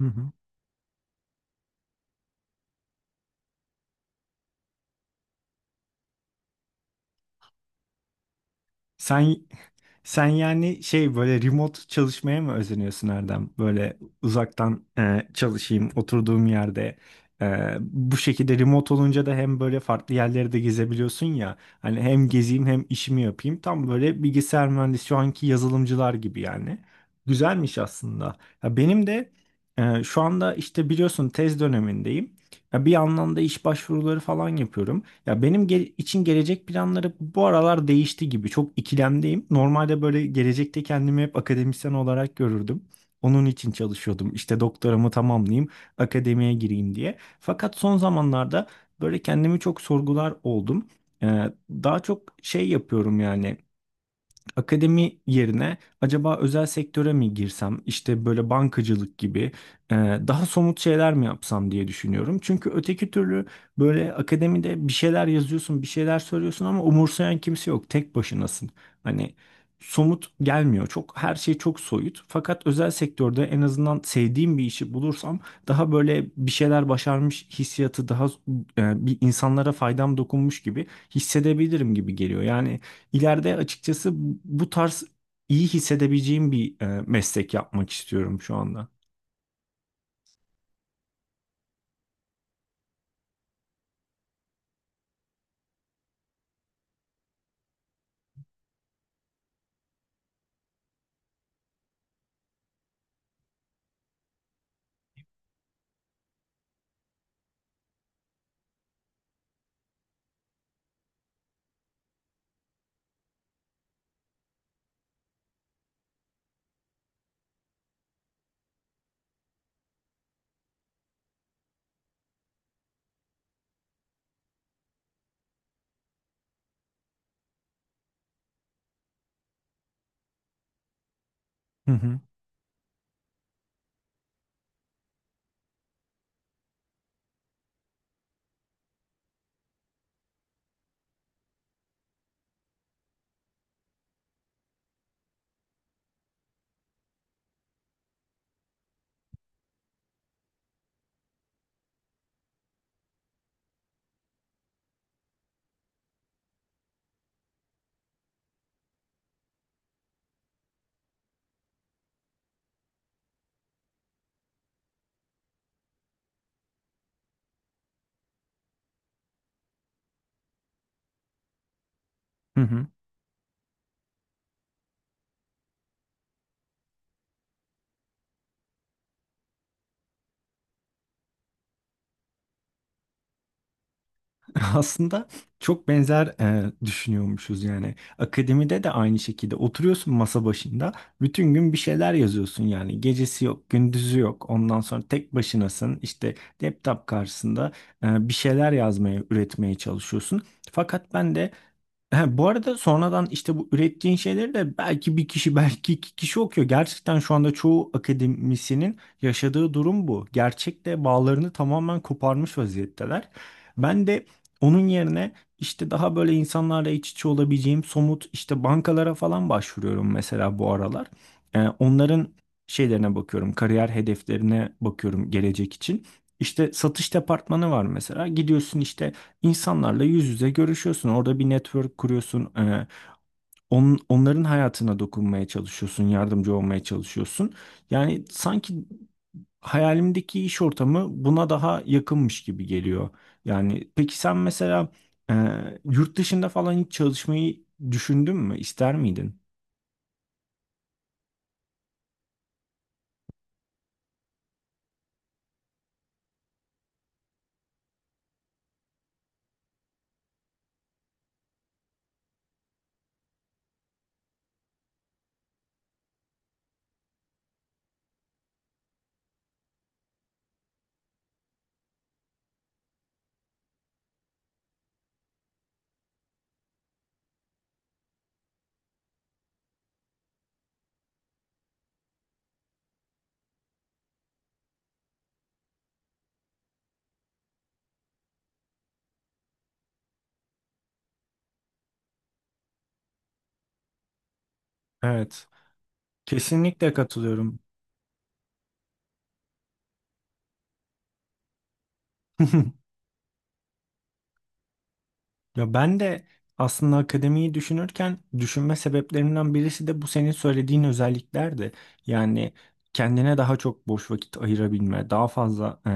Hı hı. Sen sen yani şey böyle remote çalışmaya mı özeniyorsun, Erdem? Böyle uzaktan çalışayım oturduğum yerde. Bu şekilde remote olunca da hem böyle farklı yerleri de gezebiliyorsun ya. Hani hem gezeyim hem işimi yapayım. Tam böyle bilgisayar mühendisi şu anki yazılımcılar gibi yani. Güzelmiş aslında. Ya benim de şu anda işte biliyorsun tez dönemindeyim. Ya bir yandan da iş başvuruları falan yapıyorum. Ya için gelecek planları bu aralar değişti gibi. Çok ikilemdeyim. Normalde böyle gelecekte kendimi hep akademisyen olarak görürdüm. Onun için çalışıyordum. İşte doktoramı tamamlayayım, akademiye gireyim diye. Fakat son zamanlarda böyle kendimi çok sorgular oldum. Ee, Daha çok şey yapıyorum yani. Akademi yerine acaba özel sektöre mi girsem, işte böyle bankacılık gibi e, daha somut şeyler mi yapsam diye düşünüyorum. Çünkü öteki türlü böyle akademide bir şeyler yazıyorsun, bir şeyler söylüyorsun ama umursayan kimse yok, tek başınasın. Hani somut gelmiyor, çok her şey çok soyut. Fakat özel sektörde en azından sevdiğim bir işi bulursam daha böyle bir şeyler başarmış hissiyatı, daha bir insanlara faydam dokunmuş gibi hissedebilirim gibi geliyor. Yani ileride açıkçası bu tarz iyi hissedebileceğim bir meslek yapmak istiyorum şu anda. Hı hı. Hı hı. Aslında çok benzer düşünüyormuşuz yani. Akademide de aynı şekilde oturuyorsun masa başında, bütün gün bir şeyler yazıyorsun yani. Gecesi yok, gündüzü yok. Ondan sonra tek başınasın. İşte laptop karşısında bir şeyler yazmaya, üretmeye çalışıyorsun. Fakat ben de. Ha, bu arada sonradan işte bu ürettiğin şeyleri de belki bir kişi belki iki kişi okuyor. Gerçekten şu anda çoğu akademisyenin yaşadığı durum bu. Gerçekte bağlarını tamamen koparmış vaziyetteler. Ben de onun yerine işte daha böyle insanlarla iç içe olabileceğim somut, işte bankalara falan başvuruyorum mesela bu aralar. Onların şeylerine bakıyorum, kariyer hedeflerine bakıyorum gelecek için. İşte satış departmanı var mesela. Gidiyorsun işte, İnsanlarla yüz yüze görüşüyorsun. Orada bir network kuruyorsun. Onların hayatına dokunmaya çalışıyorsun. Yardımcı olmaya çalışıyorsun. Yani sanki hayalimdeki iş ortamı buna daha yakınmış gibi geliyor. Yani peki sen mesela e, yurt dışında falan hiç çalışmayı düşündün mü? İster miydin? Evet. Kesinlikle katılıyorum. Ya ben de aslında akademiyi düşünürken düşünme sebeplerimden birisi de bu senin söylediğin özelliklerdi. Yani kendine daha çok boş vakit ayırabilme, daha fazla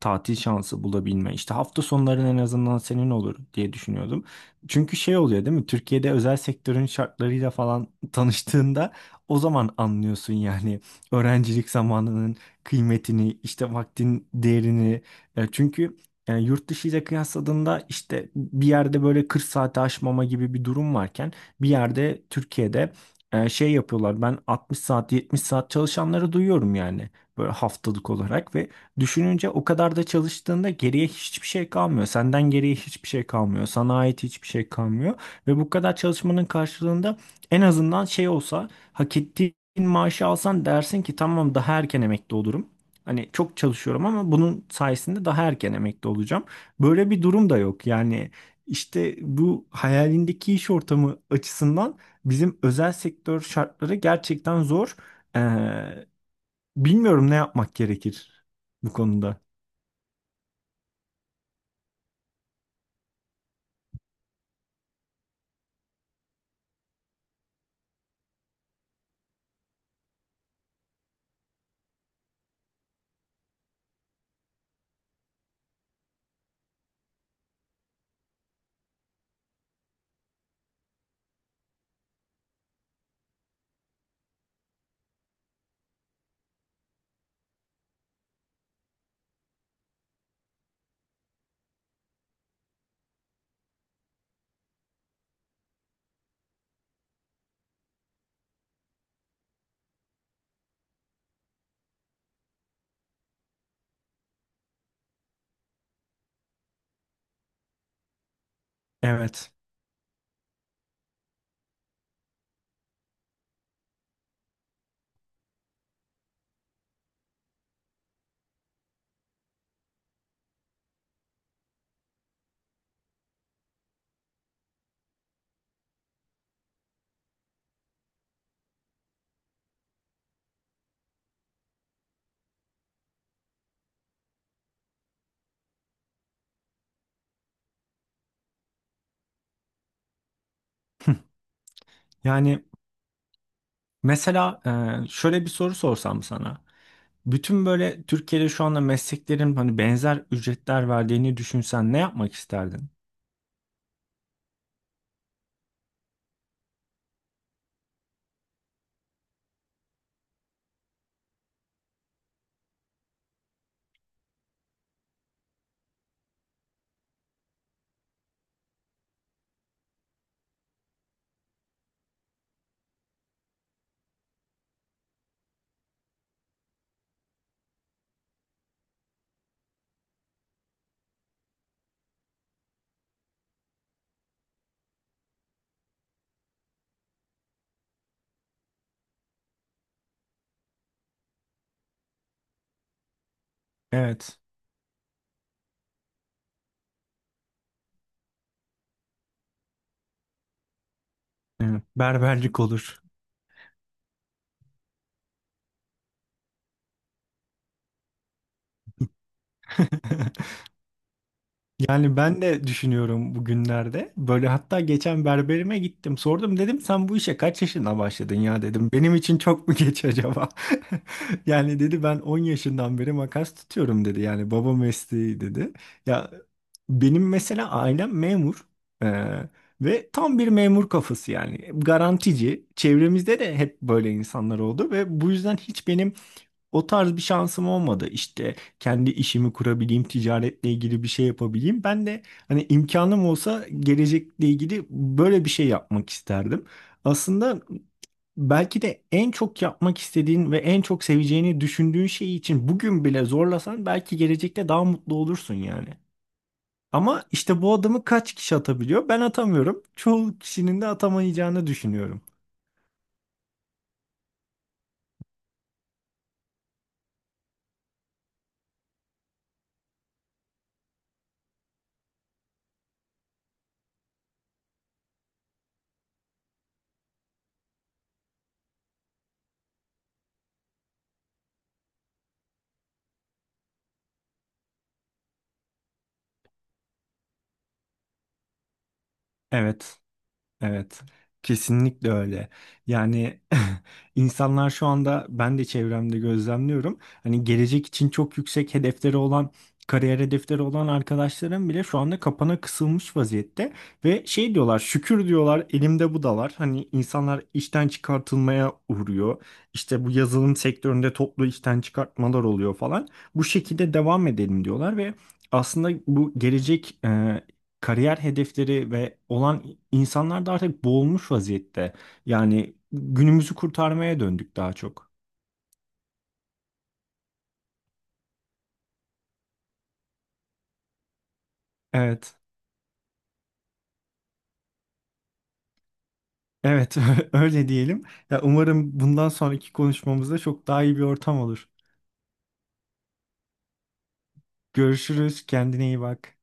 tatil şansı bulabilme, işte hafta sonların en azından senin olur diye düşünüyordum. Çünkü şey oluyor değil mi? Türkiye'de özel sektörün şartlarıyla falan tanıştığında o zaman anlıyorsun yani öğrencilik zamanının kıymetini, işte vaktin değerini. Çünkü yani yurt dışı ile kıyasladığında işte bir yerde böyle 40 saati aşmama gibi bir durum varken, bir yerde Türkiye'de şey yapıyorlar. Ben 60 saat 70 saat çalışanları duyuyorum yani, böyle haftalık olarak. Ve düşününce, o kadar da çalıştığında geriye hiçbir şey kalmıyor. Senden geriye hiçbir şey kalmıyor. Sana ait hiçbir şey kalmıyor ve bu kadar çalışmanın karşılığında en azından şey olsa, hak ettiğin maaşı alsan dersin ki tamam, daha erken emekli olurum. Hani çok çalışıyorum ama bunun sayesinde daha erken emekli olacağım. Böyle bir durum da yok. Yani işte bu hayalindeki iş ortamı açısından bizim özel sektör şartları gerçekten zor. Ee, Bilmiyorum ne yapmak gerekir bu konuda. Evet. Yani mesela şöyle bir soru sorsam sana. Bütün böyle Türkiye'de şu anda mesleklerin hani benzer ücretler verdiğini düşünsen ne yapmak isterdin? Evet. Evet. Berberlik olur. Yani ben de düşünüyorum bugünlerde. Böyle hatta geçen berberime gittim. Sordum, dedim sen bu işe kaç yaşında başladın ya dedim. Benim için çok mu geç acaba? Yani dedi ben 10 yaşından beri makas tutuyorum dedi. Yani baba mesleği dedi. Ya benim mesela ailem memur. Ee, Ve tam bir memur kafası yani. Garantici. Çevremizde de hep böyle insanlar oldu ve bu yüzden hiç benim o tarz bir şansım olmadı. İşte kendi işimi kurabileyim, ticaretle ilgili bir şey yapabileyim. Ben de hani imkanım olsa gelecekle ilgili böyle bir şey yapmak isterdim. Aslında belki de en çok yapmak istediğin ve en çok seveceğini düşündüğün şey için bugün bile zorlasan belki gelecekte daha mutlu olursun yani. Ama işte bu adımı kaç kişi atabiliyor? Ben atamıyorum. Çoğu kişinin de atamayacağını düşünüyorum. Evet. Evet, kesinlikle öyle. Yani insanlar şu anda, ben de çevremde gözlemliyorum. Hani gelecek için çok yüksek hedefleri olan, kariyer hedefleri olan arkadaşlarım bile şu anda kapana kısılmış vaziyette ve şey diyorlar, şükür diyorlar, elimde bu da var. Hani insanlar işten çıkartılmaya uğruyor. İşte bu yazılım sektöründe toplu işten çıkartmalar oluyor falan. Bu şekilde devam edelim diyorlar ve aslında bu gelecek kariyer hedefleri ve olan insanlar da artık boğulmuş vaziyette. Yani günümüzü kurtarmaya döndük daha çok. Evet. Evet, öyle diyelim. Ya umarım bundan sonraki konuşmamızda çok daha iyi bir ortam olur. Görüşürüz, kendine iyi bak.